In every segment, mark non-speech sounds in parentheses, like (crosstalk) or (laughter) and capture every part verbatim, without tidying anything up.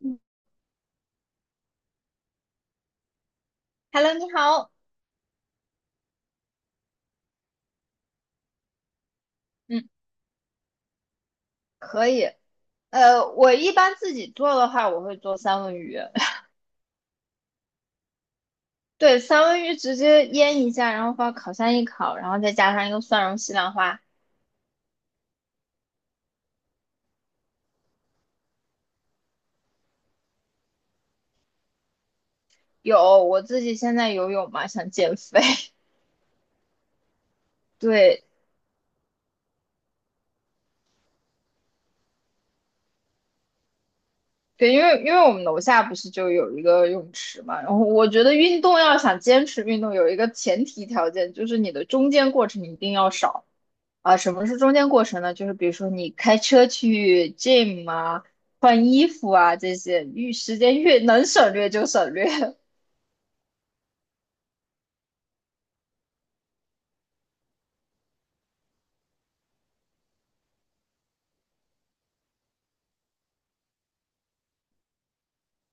嗯。 Hello，你好。嗯。可以。呃，我一般自己做的话，我会做三文鱼。(laughs) 对，三文鱼直接腌一下，然后放烤箱一烤，然后再加上一个蒜蓉西兰花。有，我自己现在游泳嘛，想减肥。(laughs) 对对，因为因为我们楼下不是就有一个泳池嘛，然后我觉得运动要想坚持运动，有一个前提条件就是你的中间过程一定要少。啊，什么是中间过程呢？就是比如说你开车去 gym 啊，换衣服啊这些，越时间越能省略就省略。(laughs)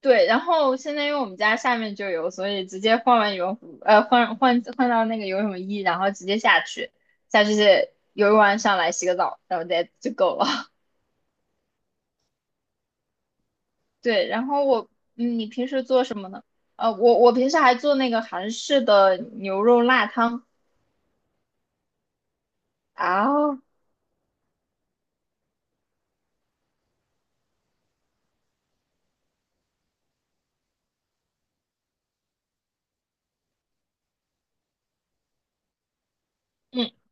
对，然后现在因为我们家下面就有，所以直接换完羽绒服，呃，换换换到那个游泳衣，然后直接下去，下去游泳完上来洗个澡，然后再就够了。(laughs) 对，然后我，嗯，你平时做什么呢？呃，我我平时还做那个韩式的牛肉辣汤啊，嗯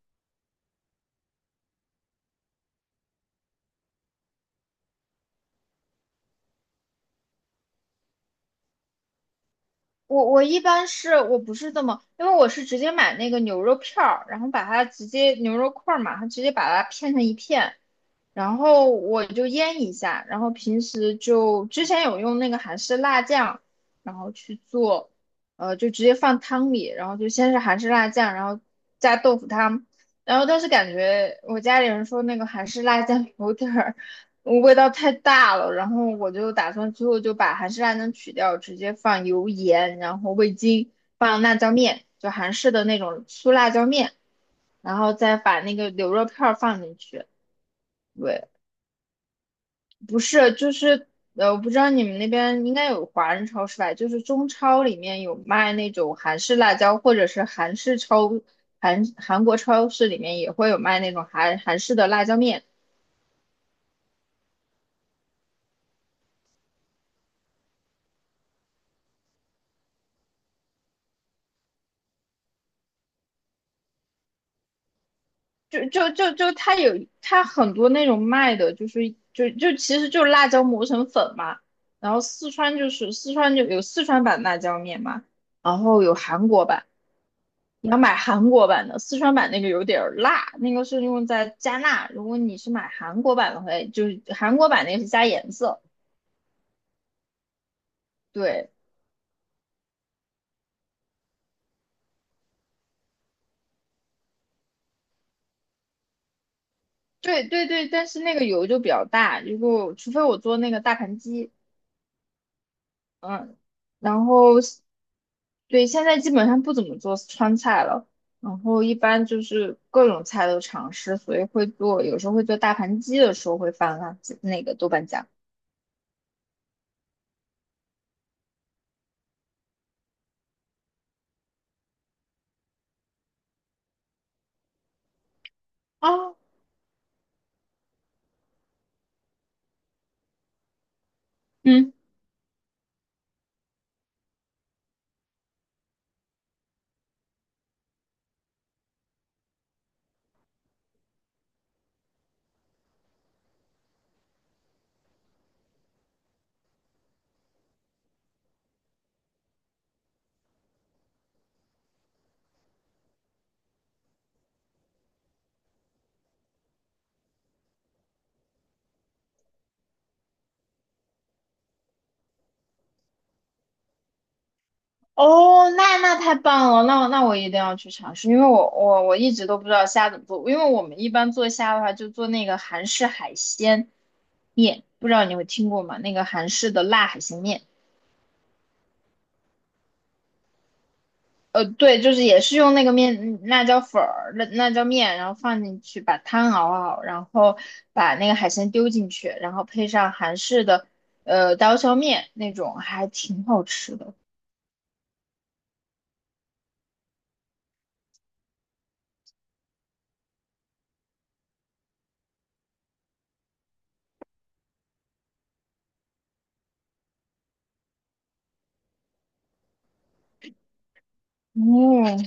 我我一般是我不是这么，因为我是直接买那个牛肉片儿，然后把它直接牛肉块儿嘛，然后直接把它片成一片，然后我就腌一下，然后平时就之前有用那个韩式辣酱，然后去做，呃，就直接放汤里，然后就先是韩式辣酱，然后加豆腐汤，然后但是感觉我家里人说那个韩式辣酱有点儿味道太大了，然后我就打算最后就把韩式辣酱取掉，直接放油盐，然后味精，放辣椒面，就韩式的那种粗辣椒面，然后再把那个牛肉片儿放进去。对，不是，就是呃，我不知道你们那边应该有华人超市吧？就是中超里面有卖那种韩式辣椒，或者是韩式超韩韩国超市里面也会有卖那种韩韩式的辣椒面。就就就就它有它很多那种卖的，就是就就其实就是辣椒磨成粉嘛。然后四川就是四川就有四川版辣椒面嘛，然后有韩国版。你要买韩国版的，四川版那个有点儿辣，那个是用在加辣。如果你是买韩国版的话，就是韩国版那个是加颜色。对，对，对，对，但是那个油就比较大，如果除非我做那个大盘鸡，嗯，然后对，现在基本上不怎么做川菜了，然后一般就是各种菜都尝试，所以会做，有时候会做大盘鸡的时候会放辣子那个豆瓣酱。啊，嗯。哦，那那太棒了，那那我一定要去尝试，因为我我我一直都不知道虾怎么做，因为我们一般做虾的话就做那个韩式海鲜面，不知道你有听过吗？那个韩式的辣海鲜面，呃，对，就是也是用那个面嗯辣椒粉儿、辣辣椒面，然后放进去，把汤熬好，然后把那个海鲜丢进去，然后配上韩式的呃刀削面那种，还挺好吃的。哦，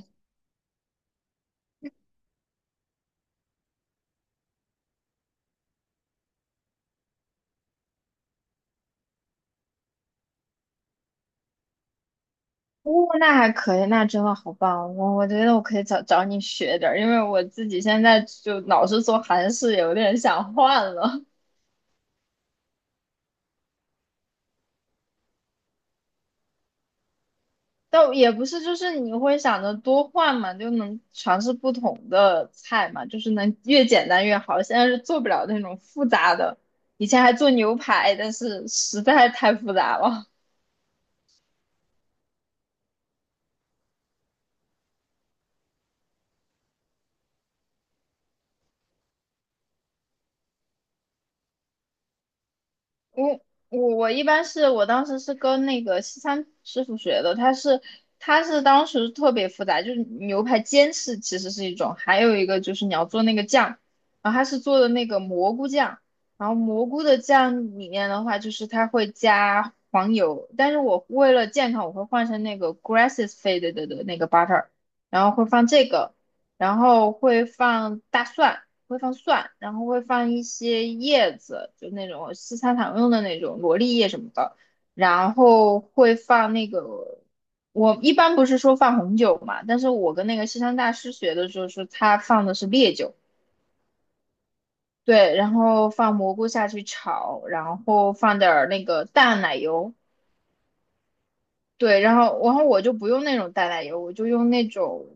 哦，那还可以，那真的好棒！我我觉得我可以找找你学点儿，因为我自己现在就老是做韩式，有点想换了。(laughs) 但也不是，就是你会想着多换嘛，就能尝试不同的菜嘛，就是能越简单越好。现在是做不了那种复杂的，以前还做牛排，但是实在太复杂了。我我我一般是我当时是跟那个西餐师傅学的，他是他是当时特别复杂，就是牛排煎是其实是一种，还有一个就是你要做那个酱，然后他是做的那个蘑菇酱，然后蘑菇的酱里面的话就是它会加黄油，但是我为了健康我会换成那个 grass fed 的的那个 butter,然后会放这个，然后会放大蒜。会放蒜，然后会放一些叶子，就那种西餐常用的那种罗勒叶什么的，然后会放那个，我一般不是说放红酒嘛，但是我跟那个西餐大师学的时候是他放的是烈酒，对，然后放蘑菇下去炒，然后放点儿那个淡奶油，对，然后然后我就不用那种淡奶油，我就用那种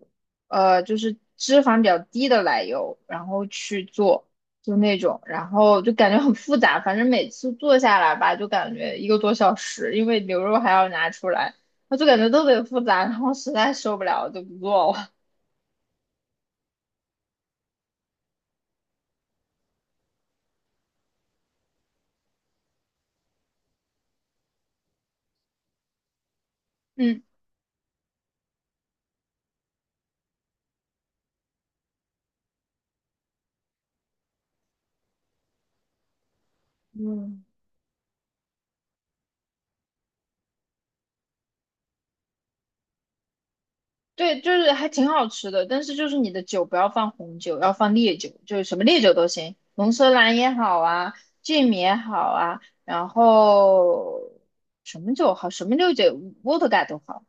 呃，就是脂肪比较低的奶油，然后去做，就那种，然后就感觉很复杂，反正每次做下来吧，就感觉一个多小时，因为牛肉还要拿出来，我就感觉特别复杂，然后实在受不了，我就不做了。(laughs) 嗯，嗯。对，就是还挺好吃的，但是就是你的酒不要放红酒，要放烈酒，就是什么烈酒都行，龙舌兰也好啊，芥米也好啊，然后什么酒好，什么烈酒伏特加都好，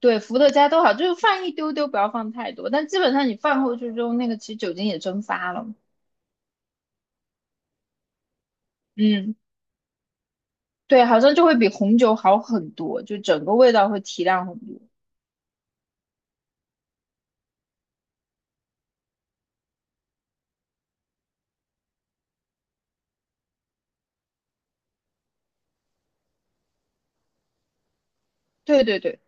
对，伏特加都好，就是放一丢丢，不要放太多，但基本上你放过去之后，那个其实酒精也蒸发了，嗯，对，好像就会比红酒好很多，就整个味道会提亮很多。对对对，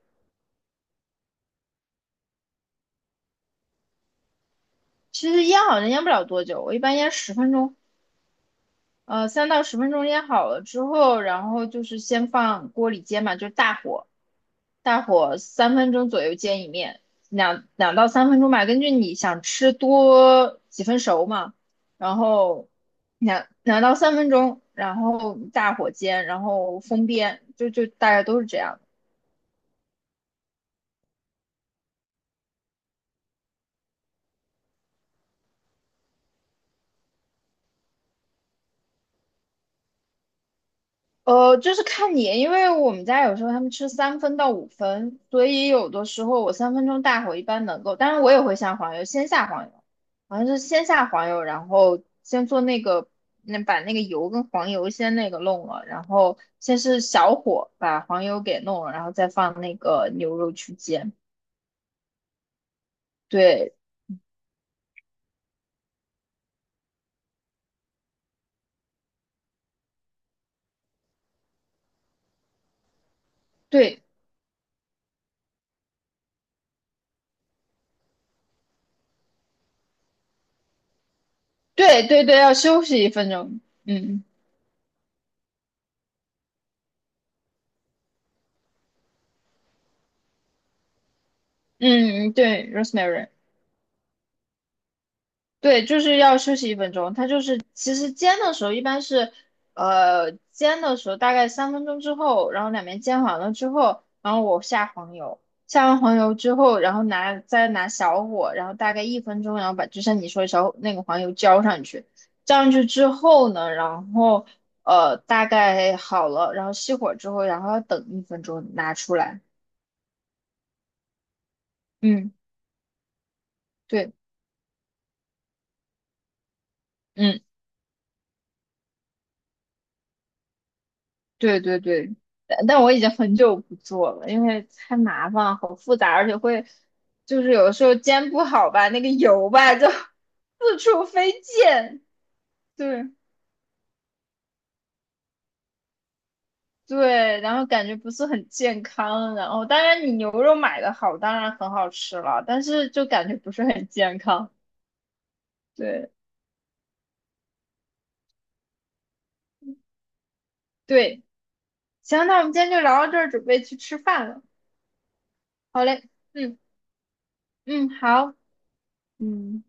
其实腌好像腌不了多久，我一般腌十分钟。呃，三到十分钟腌好了之后，然后就是先放锅里煎嘛，就是大火，大火三分钟左右煎一面，两两到三分钟吧，根据你想吃多几分熟嘛，然后两两到三分钟，然后大火煎，然后封边，就就大概都是这样。呃，就是看你，因为我们家有时候他们吃三分到五分，所以有的时候我三分钟大火一般能够，当然我也会下黄油，先下黄油，好像是先下黄油，然后先做那个，那把那个油跟黄油先那个弄了，然后先是小火把黄油给弄了，然后再放那个牛肉去煎。对对对对对，要休息一分钟。嗯嗯，对，rosemary。对，就是要休息一分钟。它就是其实煎的时候一般是，呃，煎的时候大概三分钟之后，然后两边煎完了之后，然后我下黄油，下完黄油之后，然后拿再拿小火，然后大概一分钟，然后把就像你说的小那个黄油浇上去，浇上去之后呢，然后呃大概好了，然后熄火之后，然后要等一分钟拿出来。嗯，对，嗯对对对，但但我已经很久不做了，因为太麻烦了，好复杂，而且会就是有的时候煎不好吧，那个油吧就 (laughs) 四处飞溅。对对，然后感觉不是很健康。然后当然你牛肉买的好，当然很好吃了，但是就感觉不是很健康。对对，行，那我们今天就聊到这儿，准备去吃饭了。好嘞，嗯嗯，好，嗯。